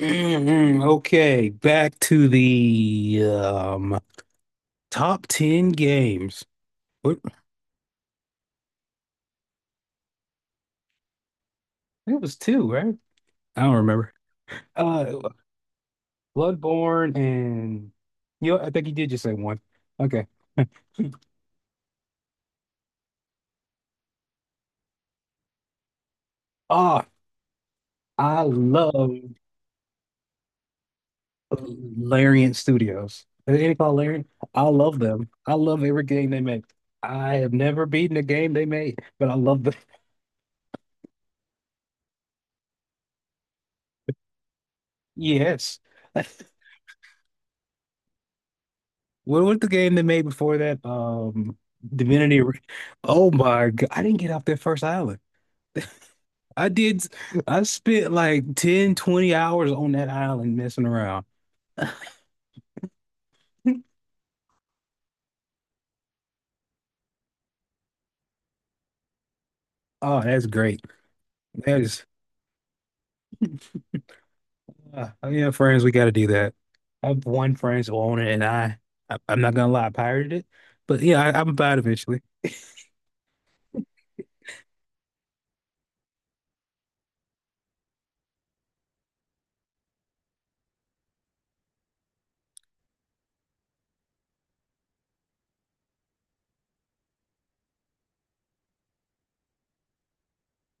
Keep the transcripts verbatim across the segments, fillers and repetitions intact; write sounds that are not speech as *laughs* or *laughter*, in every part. Mhm. Okay, back to the um top ten games. What it was two, right? I don't remember. Uh Bloodborne and you know, I think you did just say one. Okay. *laughs* Ah, I love Larian Studios. Is it called Larian? I love them. I love every game they make. I have never beaten a game they made, but I love them. *laughs* Yes. *laughs* What was the game they made before that? Um, Divinity. Re- Oh my God. I didn't get off that first island. I did. I spent like ten, twenty hours on that island messing around. *laughs* Oh, that's great. That is, uh, yeah, friends, we got to do that. I have one friend who owned it, and I, I, I'm not gonna lie, I pirated it, but yeah, I, I'm about eventually.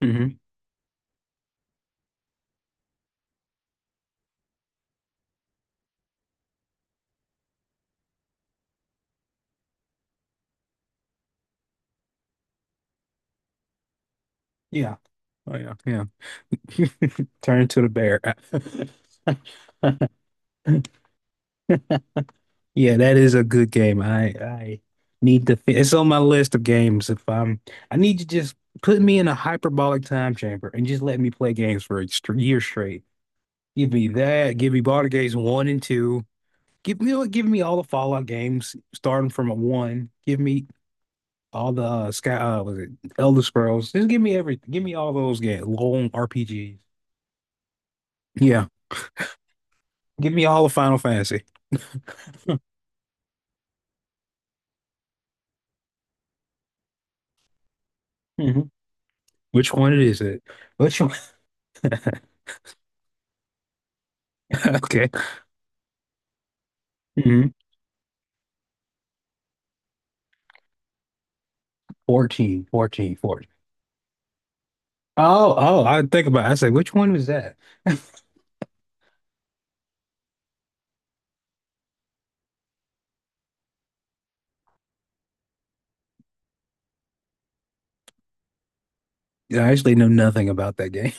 Hmm Yeah. Oh yeah, yeah. *laughs* Turn into the bear. *laughs* Yeah, that is a good game. I I need to. fi- It's on my list of games. If I'm, I need to just put me in a hyperbolic time chamber and just let me play games for a str- year straight. Give me that. Give me Baldur's Gates one and two. Give me give me all the Fallout games starting from a one. Give me all the uh, Sky. Uh, was it Elder Scrolls? Just give me everything. Give me all those games. Long R P Gs. Yeah. Give me all the Final Fantasy. *laughs* Mhm. Which one is it? Which one? *laughs* Okay. hmm fourteen, fourteen, fourteen. Oh, oh, I think about it. I say, which one was that? *laughs* I actually know nothing about that game.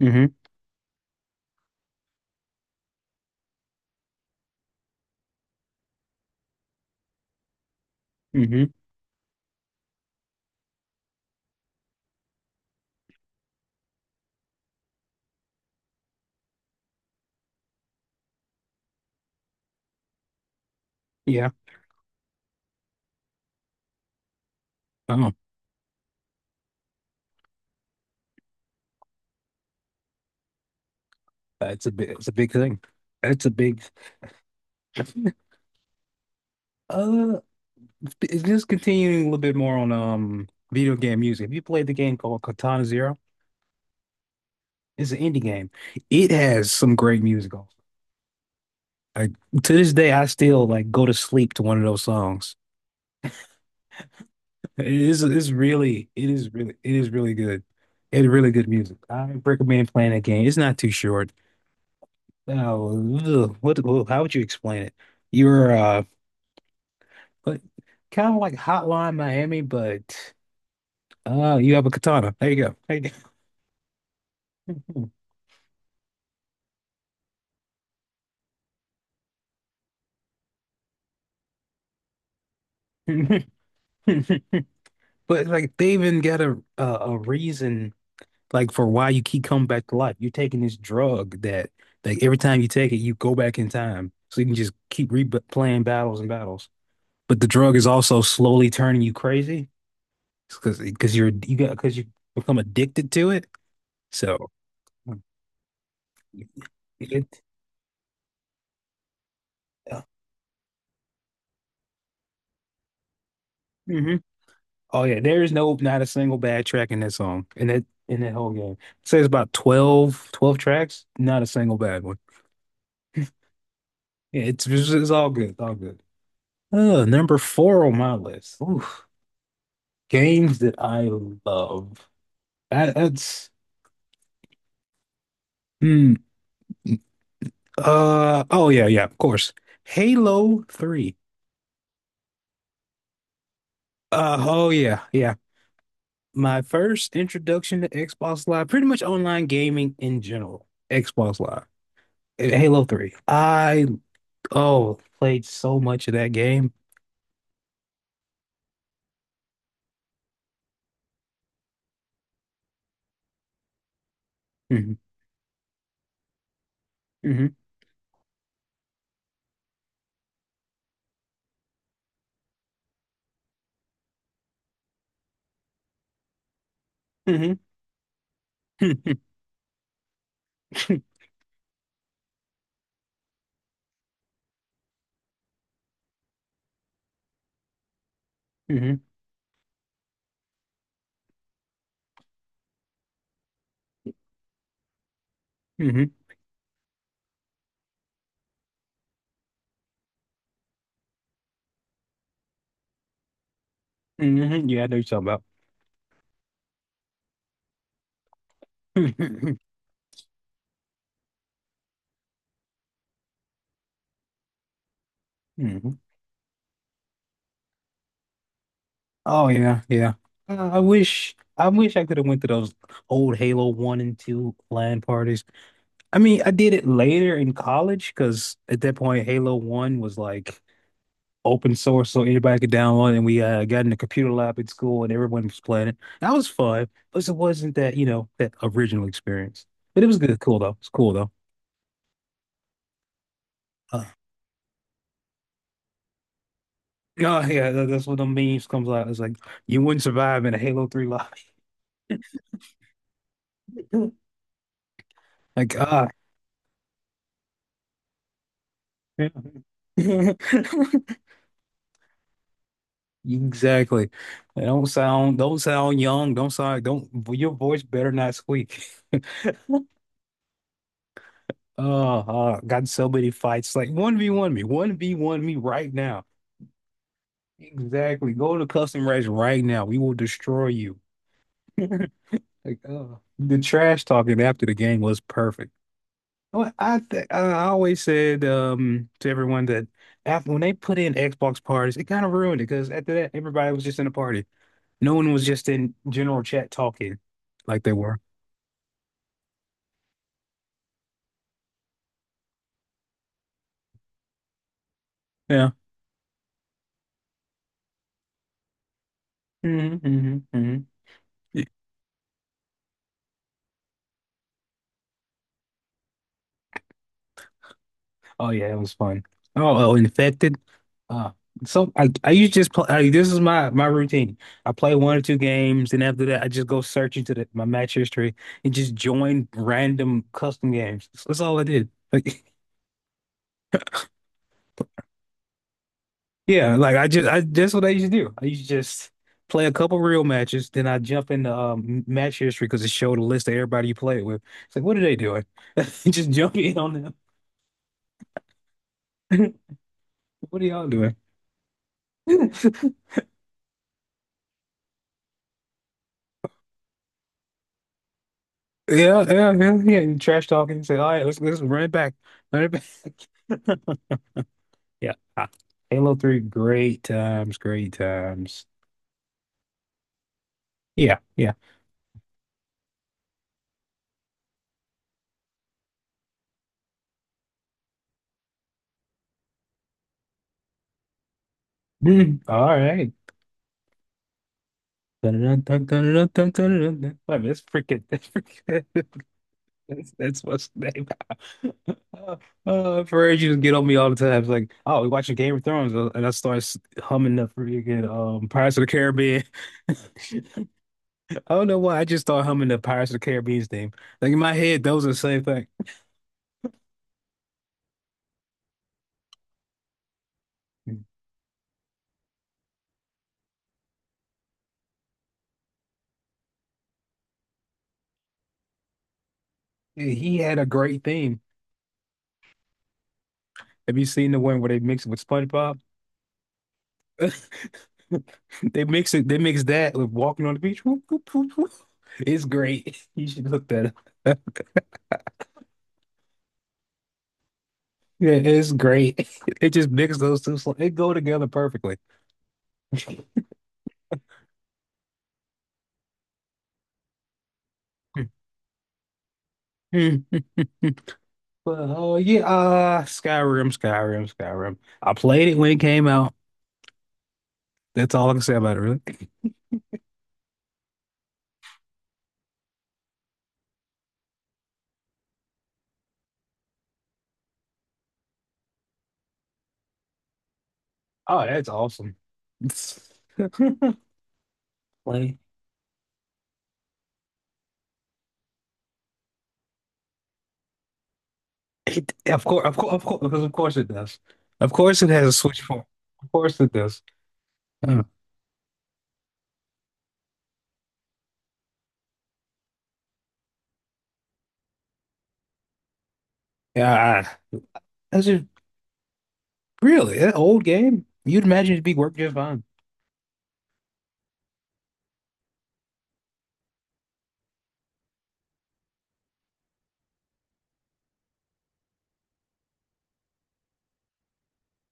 Hmm hmm Yeah. Oh, that's a big, it's a big thing. That's a big. *laughs* Uh, it's just continuing a little bit more on um video game music. Have you played the game called Katana Zero? It's an indie game. It has some great music. On Like to this day, I still like go to sleep to one of those songs. It is it's really it is really it is really good. It's really good music. I recommend playing that game. It's not too short. Oh, ugh, what what- how would you explain it? You're uh kind of like Hotline Miami, but uh you have a katana. There you go. There you go. *laughs* But like they even got a, uh, a a reason like for why you keep coming back to life. You're taking this drug that like every time you take it, you go back in time. So you can just keep replaying battles and battles. But the drug is also slowly turning you crazy because because you're you got because you become addicted to it. So it, hmm Oh yeah, there is no not a single bad track in that song in that in that whole game. Say it's about twelve twelve tracks, not a single bad one. Yeah, it's it's, it's all good, it's all good. Uh, number four on my list. Oof. Games that I love. That, that's hmm. Uh oh yeah yeah of course. Halo three. Uh, oh yeah, yeah. My first introduction to Xbox Live, pretty much online gaming in general, Xbox Live, and Halo three. I, oh, played so much of that game. Hmm hmm hmm hmm hmm hmm hmm *laughs* Yeah, I know you're talking about. *laughs* hmm Oh yeah, yeah. Uh, I wish, I wish I could have went to those old Halo one and two LAN parties. I mean, I did it later in college because at that point, Halo one was like, open source so anybody could download it. And we uh, got in the computer lab at school and everyone was playing it. That was fun, but it wasn't that, you know, that original experience. But it was good, cool though. It's cool though. Uh, oh yeah, that, that's what the memes comes out. It's like you wouldn't survive in a Halo three lobby. *laughs* Like ah. yeah. *laughs* Exactly. Don't sound don't sound young. Don't sound don't your voice better not squeak. *laughs* Oh, uh, got in so many fights. Like one v one me, one v one me right now. Exactly. Go to custom race right now. We will destroy you. Like, uh, the trash talking after the game was perfect. Well, I th I always said um to everyone that after when they put in Xbox parties, it kind of ruined it because after that everybody was just in a party. No one was just in general chat talking like they were. Yeah. hmm hmm hmm Oh yeah, it was fun. Oh, oh, infected. Uh, so I I usually just play. I, this is my my routine. I play one or two games, and after that, I just go search into the, my match history and just join random custom games. That's, that's all I did. Like, *laughs* yeah, like I just I that's what I used to do. I used to just play a couple real matches, then I jump into um, match history because it showed a list of everybody you played with. It's like, what are they doing? *laughs* Just jump in on them. What are y'all doing? *laughs* Yeah, yeah, yeah, yeah. You trash talking. Say, all right, let's let's run it back, run it back. *laughs* Yeah, ah, Halo three, great times, great times. Yeah, yeah. Mm, all right. Dun, dun, dun, dun, dun, dun, dun, dun, dun. Wait a minute, that's freaking, that's freaking, *laughs* that's, that's what's the name. *laughs* Uh, uh, for ages, you get on me all the time. It's like, oh, we watching Game of Thrones, uh, and I start s- humming the freaking um Pirates of the Caribbean. *laughs* I don't know why. I just started humming the Pirates of the Caribbean theme. Like in my head, those are the same thing. Mm. Yeah, He had a great theme. Have you seen the one where they mix it with SpongeBob? *laughs* They mix it. They mix that with walking on the beach. Whoop, whoop, whoop, whoop. It's great. *laughs* You should look that up. Yeah, it's great. *laughs* It just mixes those two. sl- It go together perfectly. *laughs* But oh yeah, uh, Skyrim, Skyrim, Skyrim. I played it when it came out. That's all I can say about it, really. Oh, that's awesome. *laughs* Play? It, of course, of course, of course, because of course it does. Of course it has a Switch form. Of course it does. Oh, yeah, I- that's just really that old game. You'd imagine it'd be work just fine.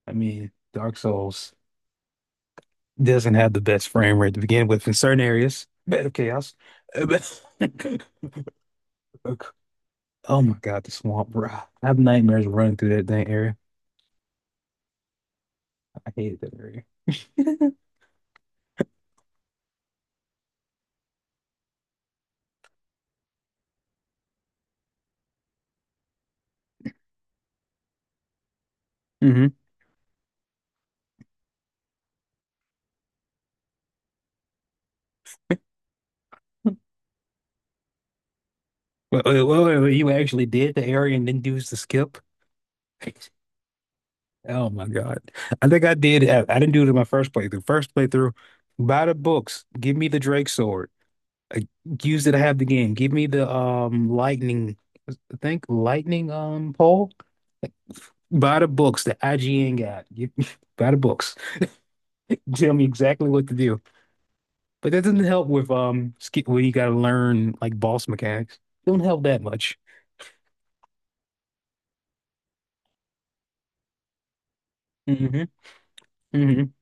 I mean, Dark Souls. Doesn't have the best frame rate to begin with in certain areas. Bed of chaos. Uh, But *laughs* oh my God, the swamp, bro. I have nightmares running through that dang area. I hated that area. *laughs* hmm Well, well, well, you actually did the area and then used the skip. *laughs* Oh my God. I think I did. I, I didn't do it in my first playthrough. First playthrough, buy the books. Give me the Drake sword. Uh, use it to have the game. Give me the um lightning. I think lightning um pole. Buy the books The I G N got. You, *laughs* buy the books. Tell me exactly what to do. But that doesn't help with um ski well, you gotta learn like boss mechanics. Don't help that much. Hmm hmm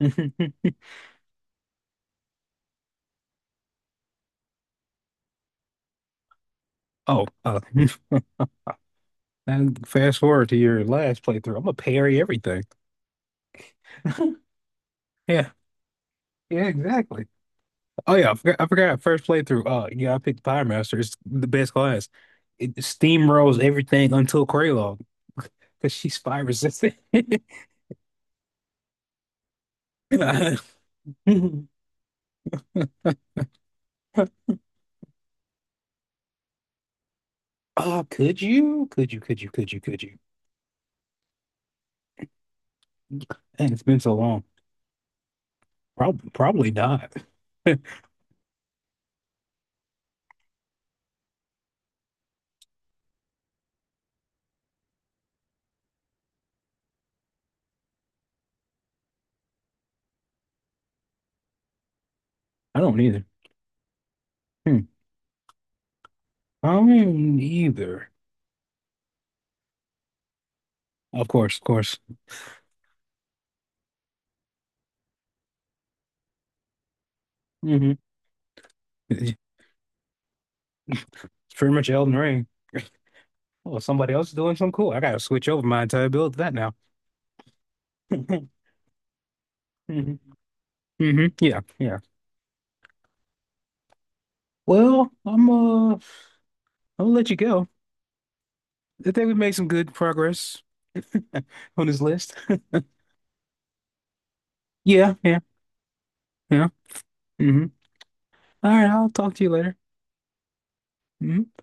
hmm *laughs* Oh, uh, *laughs* and fast forward to your last playthrough. I'm gonna parry everything. *laughs* Yeah, yeah, exactly. Oh yeah, I forgot, I forgot first playthrough. Uh, yeah, I picked Pyromaster. It's the best class. It steamrolls everything until Kraylog, *laughs* because she's fire resistant. *laughs* *laughs* Uh, could you? Could you? Could you? Could you? Could you? And it's been so long. Probably, probably not. *laughs* I don't either. Hmm. I don't either. Of course, of course. Hmm It's pretty much Elden Ring. Oh, somebody else is doing something cool. I gotta switch over my entire build to that now. *laughs* hmm hmm Yeah, yeah. Well, I'm uh, I'll let you go. I think we made some good progress *laughs* on this list. *laughs* Yeah, yeah, yeah. hmm All right, I'll talk to you later. Mhm.